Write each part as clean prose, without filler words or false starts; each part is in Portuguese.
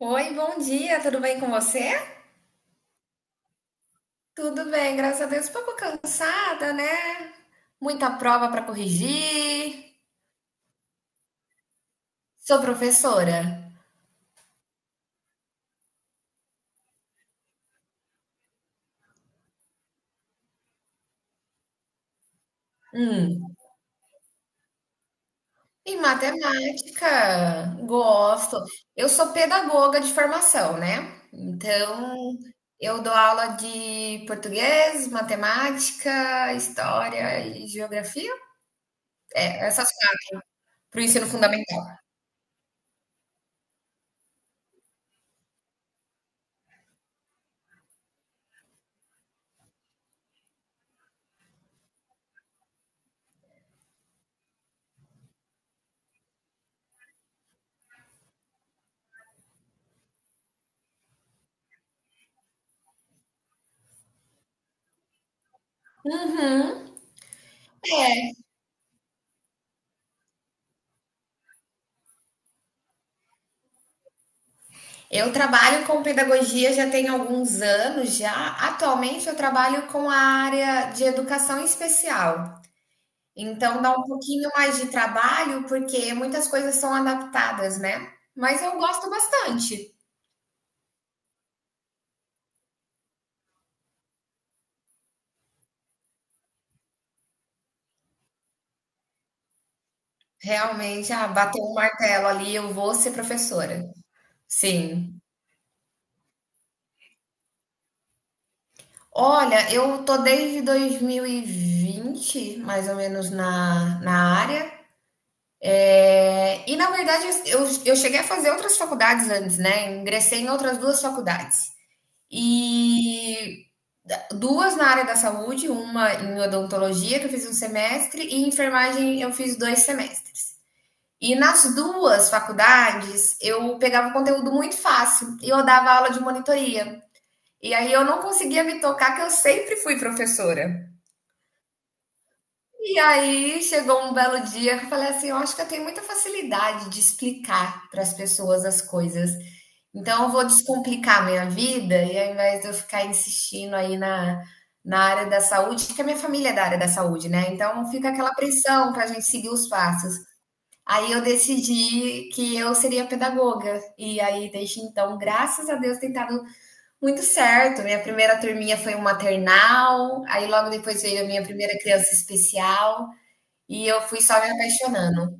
Oi, bom dia, tudo bem com você? Tudo bem, graças a Deus. Um pouco cansada, né? Muita prova para corrigir. Sou professora. Hum. E matemática, gosto. Eu sou pedagoga de formação, né? Então, eu dou aula de português, matemática, história e geografia. É, essas coisas para o ensino fundamental. Uhum. Eu trabalho com pedagogia já tem alguns anos já. Atualmente eu trabalho com a área de educação especial. Então dá um pouquinho mais de trabalho porque muitas coisas são adaptadas, né? Mas eu gosto bastante. Realmente, ah, bateu um martelo ali, eu vou ser professora. Sim. Olha, eu tô desde 2020, mais ou menos, na área. É, e na verdade eu cheguei a fazer outras faculdades antes, né? Ingressei em outras duas faculdades. E duas na área da saúde, uma em odontologia, que eu fiz um semestre, e em enfermagem eu fiz 2 semestres. E nas duas faculdades eu pegava conteúdo muito fácil e eu dava aula de monitoria. E aí eu não conseguia me tocar que eu sempre fui professora. E aí chegou um belo dia que eu falei assim: eu acho que eu tenho muita facilidade de explicar para as pessoas as coisas. Então eu vou descomplicar a minha vida e ao invés de eu ficar insistindo aí na área da saúde, porque a minha família é da área da saúde, né? Então fica aquela pressão para a gente seguir os passos. Aí eu decidi que eu seria pedagoga. E aí, desde então, graças a Deus, tem dado muito certo. Minha primeira turminha foi um maternal, aí logo depois veio a minha primeira criança especial. E eu fui só me apaixonando.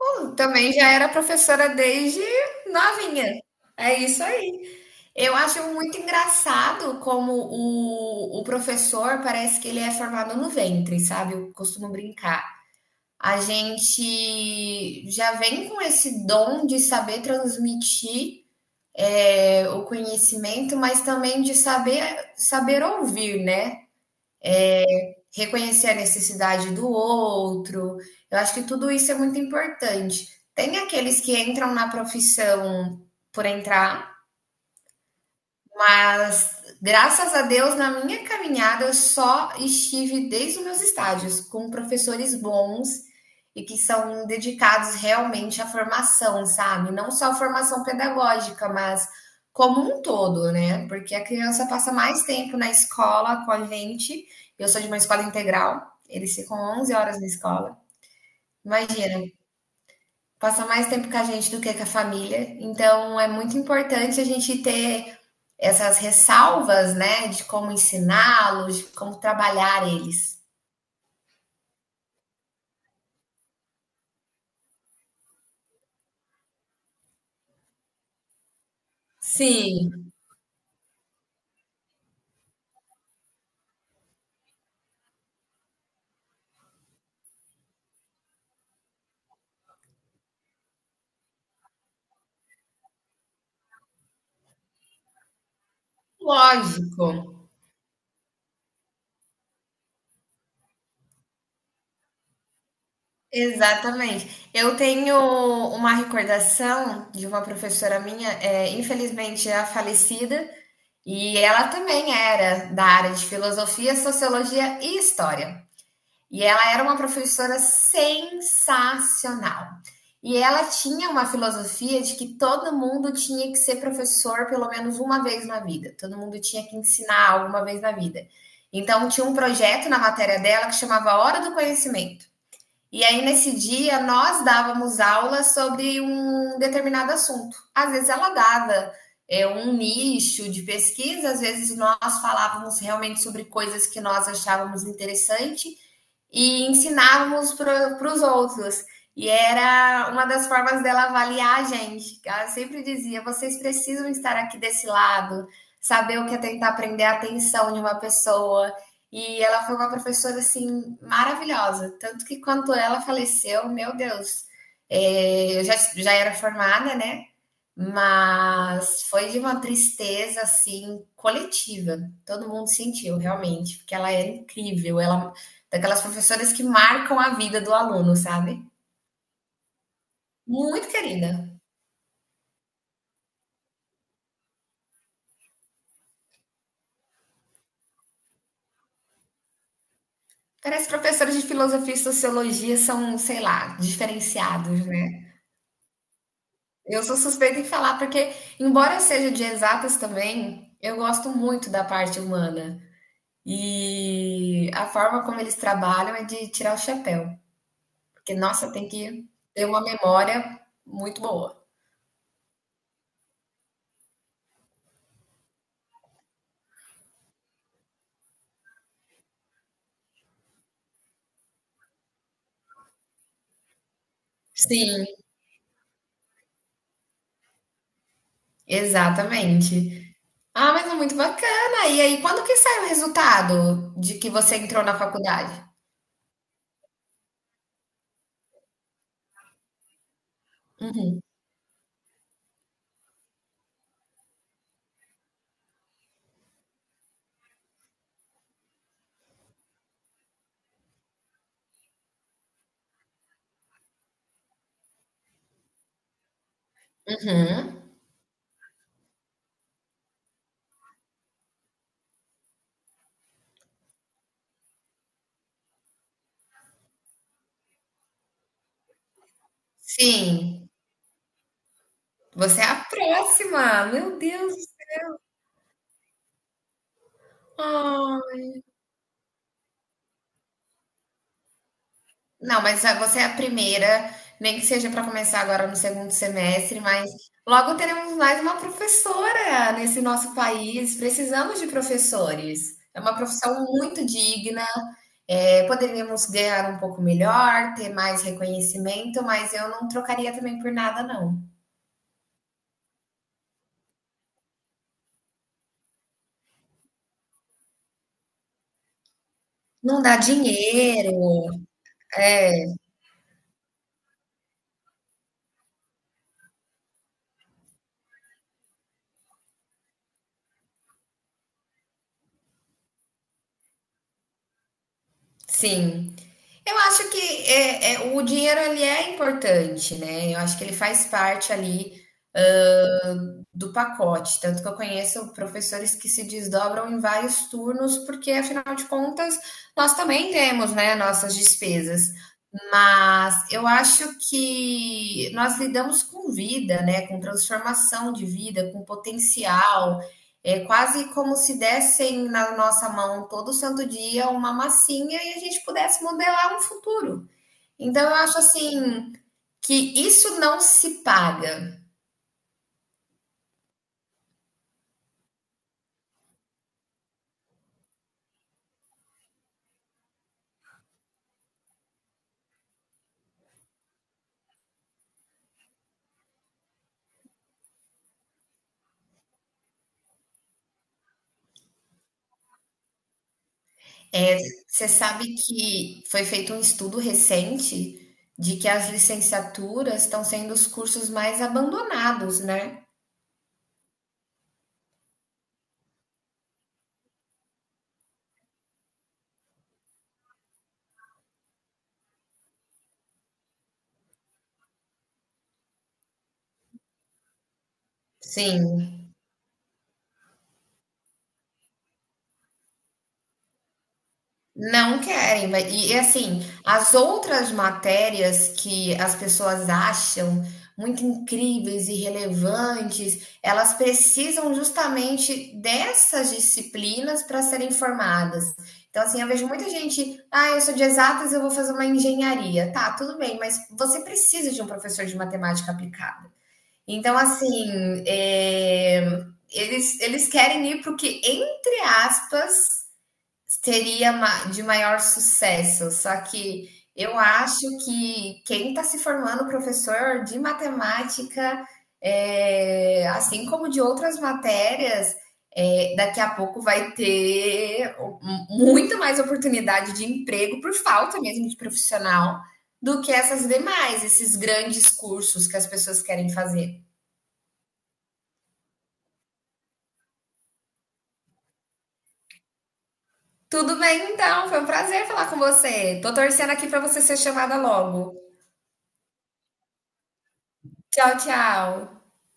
Também já era professora desde novinha. É isso aí. Eu acho muito engraçado como o professor parece que ele é formado no ventre, sabe? Eu costumo brincar. A gente já vem com esse dom de saber transmitir o conhecimento, mas também de saber ouvir, né? Reconhecer a necessidade do outro. Eu acho que tudo isso é muito importante. Tem aqueles que entram na profissão por entrar as- Graças a Deus, na minha caminhada, eu só estive desde os meus estágios com professores bons e que são dedicados realmente à formação, sabe? Não só a formação pedagógica, mas como um todo, né? Porque a criança passa mais tempo na escola com a gente. Eu sou de uma escola integral, eles ficam 11 horas na escola. Imagina, passa mais tempo com a gente do que com a família. Então, é muito importante a gente ter essas ressalvas, né, de como ensiná-los, de como trabalhar eles. Sim. Lógico, exatamente. Eu tenho uma recordação de uma professora minha, infelizmente já falecida, e ela também era da área de filosofia, sociologia e história. E ela era uma professora sensacional. E ela tinha uma filosofia de que todo mundo tinha que ser professor pelo menos uma vez na vida, todo mundo tinha que ensinar alguma vez na vida. Então, tinha um projeto na matéria dela que chamava Hora do Conhecimento. E aí, nesse dia, nós dávamos aula sobre um determinado assunto. Às vezes, ela dava um nicho de pesquisa, às vezes, nós falávamos realmente sobre coisas que nós achávamos interessante e ensinávamos para os outros. E era uma das formas dela avaliar a gente. Ela sempre dizia: vocês precisam estar aqui desse lado, saber o que é tentar prender a atenção de uma pessoa. E ela foi uma professora assim maravilhosa. Tanto que quando ela faleceu, meu Deus, eu já era formada, né? Mas foi de uma tristeza assim coletiva. Todo mundo sentiu realmente, porque ela era incrível, ela daquelas professoras que marcam a vida do aluno, sabe? Muito querida. Parece que professores de filosofia e sociologia são, sei lá, diferenciados, né? Eu sou suspeita em falar porque, embora eu seja de exatas também, eu gosto muito da parte humana. E a forma como eles trabalham é de tirar o chapéu. Porque, nossa, tem que ter uma memória muito boa. Sim, exatamente. Ah, mas é muito bacana. E aí, quando que sai o resultado de que você entrou na faculdade? Uhum, uhum. Sim, você é a próxima. Meu Deus. Ah. Não, mas a você é a primeira, nem que seja para começar agora no segundo semestre, mas logo teremos mais uma professora nesse nosso país. Precisamos de professores. É uma profissão muito digna, poderíamos ganhar um pouco melhor, ter mais reconhecimento, mas eu não trocaria também por nada, não. Não dá dinheiro. Sim. Eu acho que é o dinheiro, ele é importante, né, eu acho que ele faz parte ali, do pacote. Tanto que eu conheço professores que se desdobram em vários turnos, porque afinal de contas nós também temos, né, nossas despesas. Mas eu acho que nós lidamos com vida, né, com transformação de vida, com potencial. É quase como se dessem na nossa mão todo santo dia uma massinha e a gente pudesse modelar um futuro. Então eu acho assim que isso não se paga. É, você sabe que foi feito um estudo recente de que as licenciaturas estão sendo os cursos mais abandonados, né? Sim. Não querem, vai assim, as outras matérias que as pessoas acham muito incríveis e relevantes, elas precisam justamente dessas disciplinas para serem formadas. Então, assim, eu vejo muita gente, ah, eu sou de exatas, eu vou fazer uma engenharia. Tá, tudo bem, mas você precisa de um professor de matemática aplicada. Então, assim, eles querem ir para o que, entre aspas, seria ma de maior sucesso, só que eu acho que quem está se formando professor de matemática, assim como de outras matérias, daqui a pouco vai ter o muito mais oportunidade de emprego por falta mesmo de profissional, do que essas demais, esses grandes cursos que as pessoas querem fazer. Tudo bem então, foi um prazer falar com você. Tô torcendo aqui para você ser chamada logo. Tchau, tchau.